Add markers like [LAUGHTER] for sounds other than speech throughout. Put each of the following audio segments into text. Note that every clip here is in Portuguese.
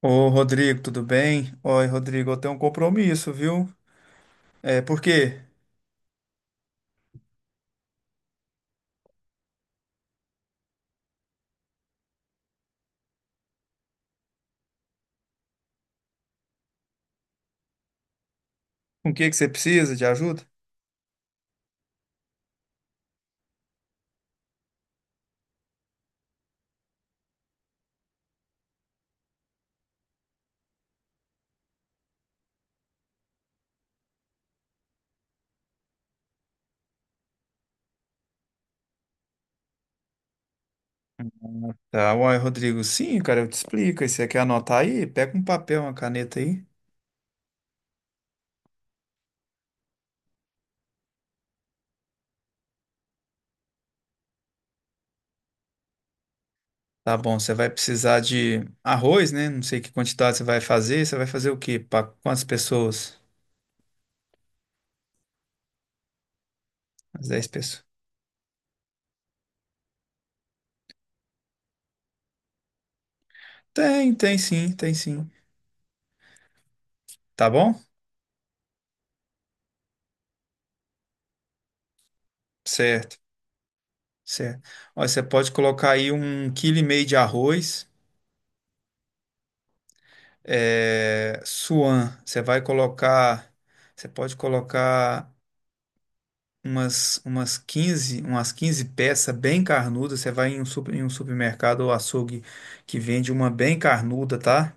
Ô, Rodrigo, tudo bem? Oi, Rodrigo, eu tenho um compromisso, viu? É, por quê? Com o que que você precisa de ajuda? Ah, tá, uai, Rodrigo, sim, cara, eu te explico. E você quer anotar aí? Pega um papel, uma caneta aí. Tá bom, você vai precisar de arroz, né? Não sei que quantidade você vai fazer. Você vai fazer o quê? Para quantas pessoas? As 10 pessoas. Tem sim, tem sim. Tá bom? Certo, certo. Olha, você pode colocar aí 1,5 kg de arroz. É, suan. Você pode colocar umas 15 peças bem carnudas. Você vai em em um supermercado ou açougue que vende uma bem carnuda, tá?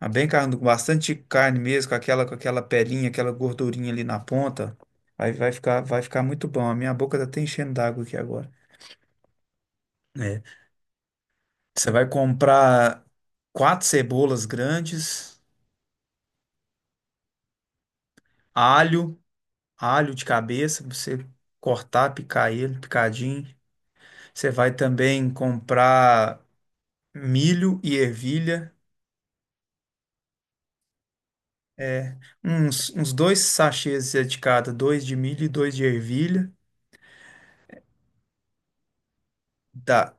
Uma bem carnuda, com bastante carne mesmo, com aquela pelinha, aquela gordurinha ali na ponta. Vai ficar muito bom. A minha boca tá até enchendo d'água aqui agora. É. Você vai comprar quatro cebolas grandes, alho. alho de cabeça, pra você cortar, picar ele, picadinho. Você vai também comprar milho e ervilha. É, uns dois sachês de cada, dois de milho e dois de ervilha. Dá,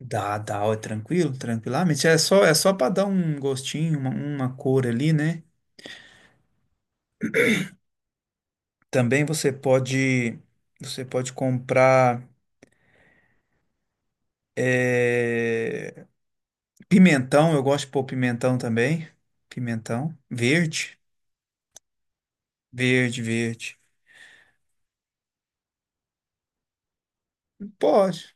dá, dá, ó, é tranquilo, tranquilamente. É só para dar um gostinho, uma cor ali, né? Também você pode, você pode comprar é, pimentão. Eu gosto de pôr pimentão também. Pimentão verde. Verde, verde. Pode.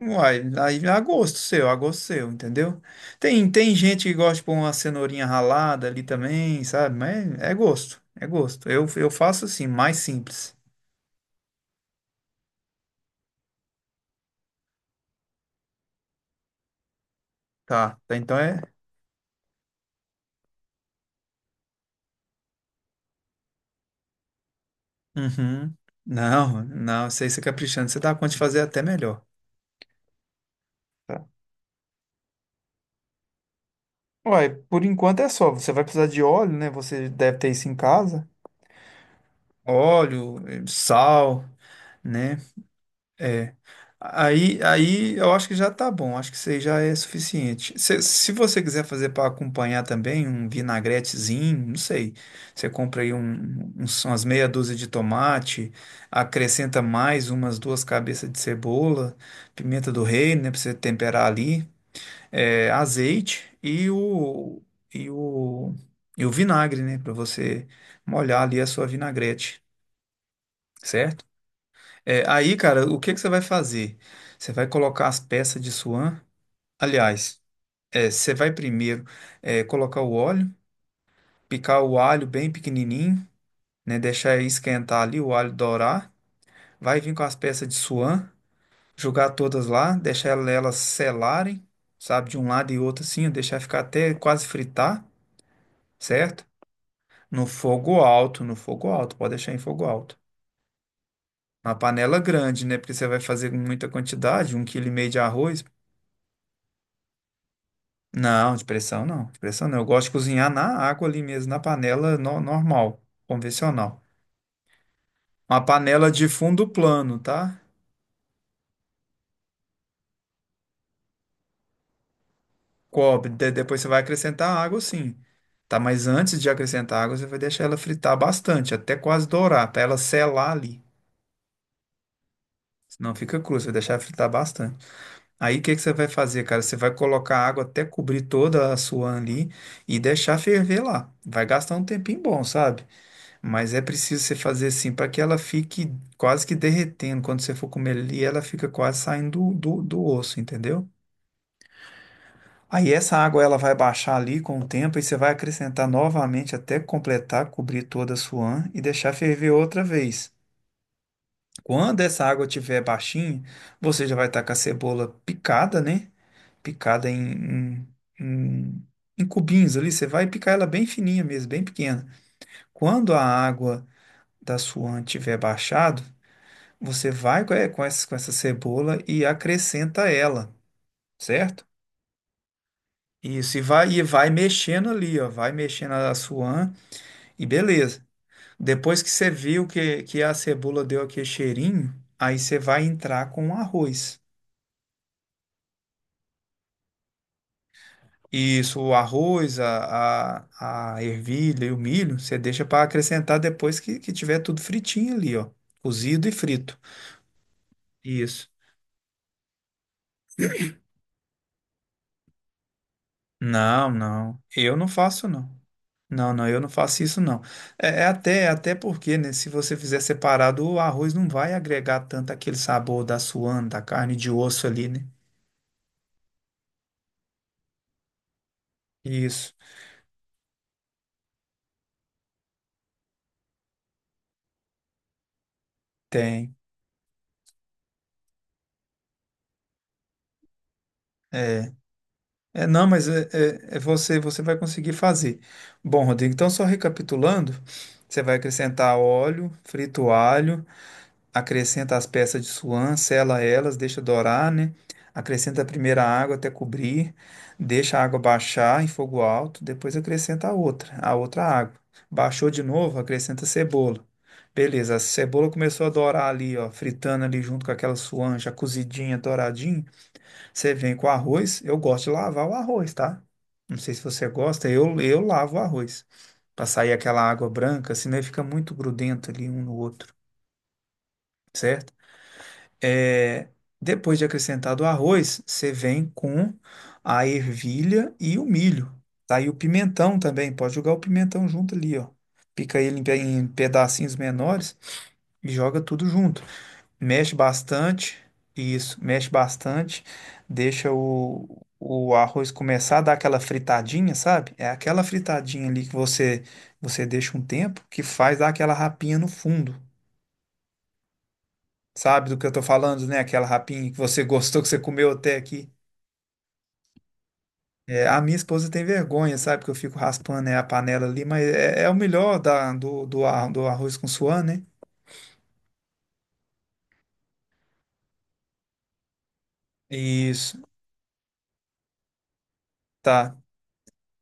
Uai, aí é a gosto seu, entendeu? Tem gente que gosta de pôr uma cenourinha ralada ali também, sabe? Mas é gosto, é gosto. Eu faço assim, mais simples. Tá, tá, então é. Uhum. Não, não, isso aí você caprichando, você dá conta de fazer até melhor. Tá. Uai, por enquanto é só. Você vai precisar de óleo, né? Você deve ter isso em casa. Óleo, sal, né? É. Aí eu acho que já tá bom, acho que isso aí já é suficiente. Se você quiser fazer para acompanhar também um vinagretezinho, não sei, você compra aí umas meia dúzia de tomate, acrescenta mais umas duas cabeças de cebola, pimenta do reino, né, para você temperar ali, é, azeite e o, e o vinagre, né, para você molhar ali a sua vinagrete, certo? É, aí, cara, o que que você vai fazer? Você vai colocar as peças de suan. Aliás, é, você vai primeiro colocar o óleo, picar o alho bem pequenininho, né? Deixar esquentar ali, o alho dourar. Vai vir com as peças de suan, jogar todas lá, deixar elas selarem, sabe? De um lado e outro assim, deixar ficar até quase fritar, certo? No fogo alto, no fogo alto, pode deixar em fogo alto. Uma panela grande, né? Porque você vai fazer com muita quantidade, 1,5 kg de arroz. Não, de pressão não, de pressão não. Eu gosto de cozinhar na água ali mesmo, na panela no- normal, convencional. Uma panela de fundo plano, tá? Cobre. Depois você vai acrescentar água, sim. Tá, mas antes de acrescentar água, você vai deixar ela fritar bastante, até quase dourar, pra ela selar ali. Senão fica crua, você vai deixar ela fritar bastante. Aí o que que você vai fazer, cara? Você vai colocar água até cobrir toda a sua ali e deixar ferver lá. Vai gastar um tempinho bom, sabe? Mas é preciso você fazer assim para que ela fique quase que derretendo. Quando você for comer ali, ela fica quase saindo do osso, entendeu? Aí essa água ela vai baixar ali com o tempo e você vai acrescentar novamente até completar, cobrir toda a suã e deixar ferver outra vez. Quando essa água estiver baixinha, você já vai estar com a cebola picada, né? Picada em em cubinhos ali. Você vai picar ela bem fininha mesmo, bem pequena. Quando a água da suã tiver baixado, você vai com essa cebola e acrescenta ela, certo? Isso, e vai mexendo ali, ó, vai mexendo a suã e beleza. Depois que você viu que a cebola deu aquele cheirinho, aí você vai entrar com o arroz. Isso, o arroz, a ervilha e o milho, você deixa para acrescentar depois que tiver tudo fritinho ali, ó, cozido e frito. Isso. Não, não, eu não faço não. Não, não, eu não faço isso não. É até porque, né, se você fizer separado, o arroz não vai agregar tanto aquele sabor da suana, da carne de osso ali, né? Isso, tem. É, não, mas é, é- é você, você vai conseguir fazer. Bom, Rodrigo, então só recapitulando, você vai acrescentar óleo, frito alho, acrescenta as peças de suã, sela elas, deixa dourar, né? Acrescenta a primeira água até cobrir, deixa a água baixar em fogo alto, depois acrescenta a outra água. Baixou de novo, acrescenta cebola. Beleza, a cebola começou a dourar ali, ó, fritando ali junto com aquela suã já cozidinha, douradinha. Você vem com o arroz, eu gosto de lavar o arroz, tá? Não sei se você gosta, eu lavo o arroz. Pra sair aquela água branca, senão ele fica muito grudento ali um no outro, certo? É, depois de acrescentado o arroz, você vem com a ervilha e o milho, tá? E o pimentão também, pode jogar o pimentão junto ali, ó. Pica ele em pedacinhos menores e joga tudo junto. Mexe bastante, isso, mexe bastante, deixa o arroz começar a dar aquela fritadinha, sabe? É aquela fritadinha ali que você deixa um tempo que faz dar aquela rapinha no fundo. Sabe do que eu tô falando, né? Aquela rapinha que você [LAUGHS] gostou, que você comeu até aqui. É, a minha esposa tem vergonha, sabe? Que eu fico raspando, né, a panela ali, mas é, é o melhor do do arroz com suã, né? Isso, tá.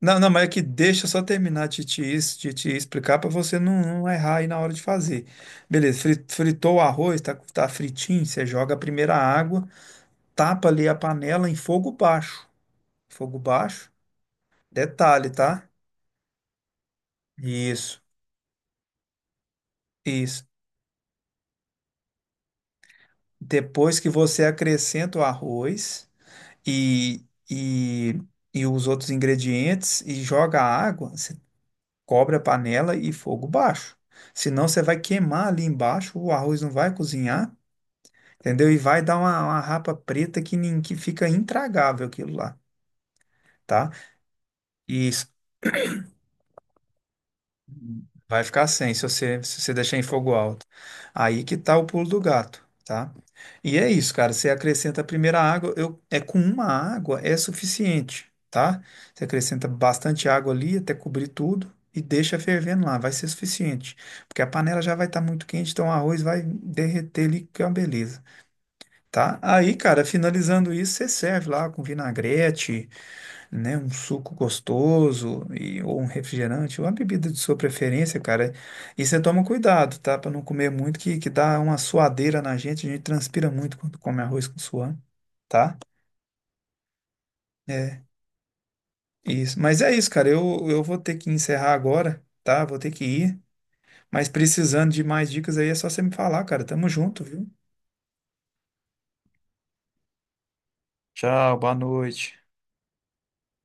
Não, não, mas é que deixa eu só terminar de de te explicar para você não, não errar aí na hora de fazer. Beleza, fritou o arroz, tá, tá fritinho, você joga a primeira água, tapa ali a panela em fogo baixo. Fogo baixo, detalhe, tá? Isso. Isso. Depois que você acrescenta o arroz e, e, e os outros ingredientes e joga a água, você cobre a panela e fogo baixo. Senão você vai queimar ali embaixo, o arroz não vai cozinhar, entendeu? E vai dar uma rapa preta que fica intragável aquilo lá, tá? E vai ficar sem se você, se você deixar em fogo alto. Aí que tá o pulo do gato, tá? E é isso, cara. Você acrescenta a primeira água, é com uma água é suficiente, tá? Você acrescenta bastante água ali até cobrir tudo e deixa fervendo lá, vai ser suficiente. Porque a panela já vai estar muito quente, então o arroz vai derreter ali, que é uma beleza, tá? Aí, cara, finalizando isso, você serve lá com vinagrete, né, um suco gostoso ou um refrigerante, ou a bebida de sua preferência, cara. E você toma cuidado, tá? Pra não comer muito, que dá uma suadeira na gente, a gente transpira muito quando come arroz com suã, tá? É, isso. Mas é isso, cara. Eu vou ter que encerrar agora, tá? Vou ter que ir. Mas precisando de mais dicas aí, é só você me falar, cara. Tamo junto, viu? Tchau, boa noite.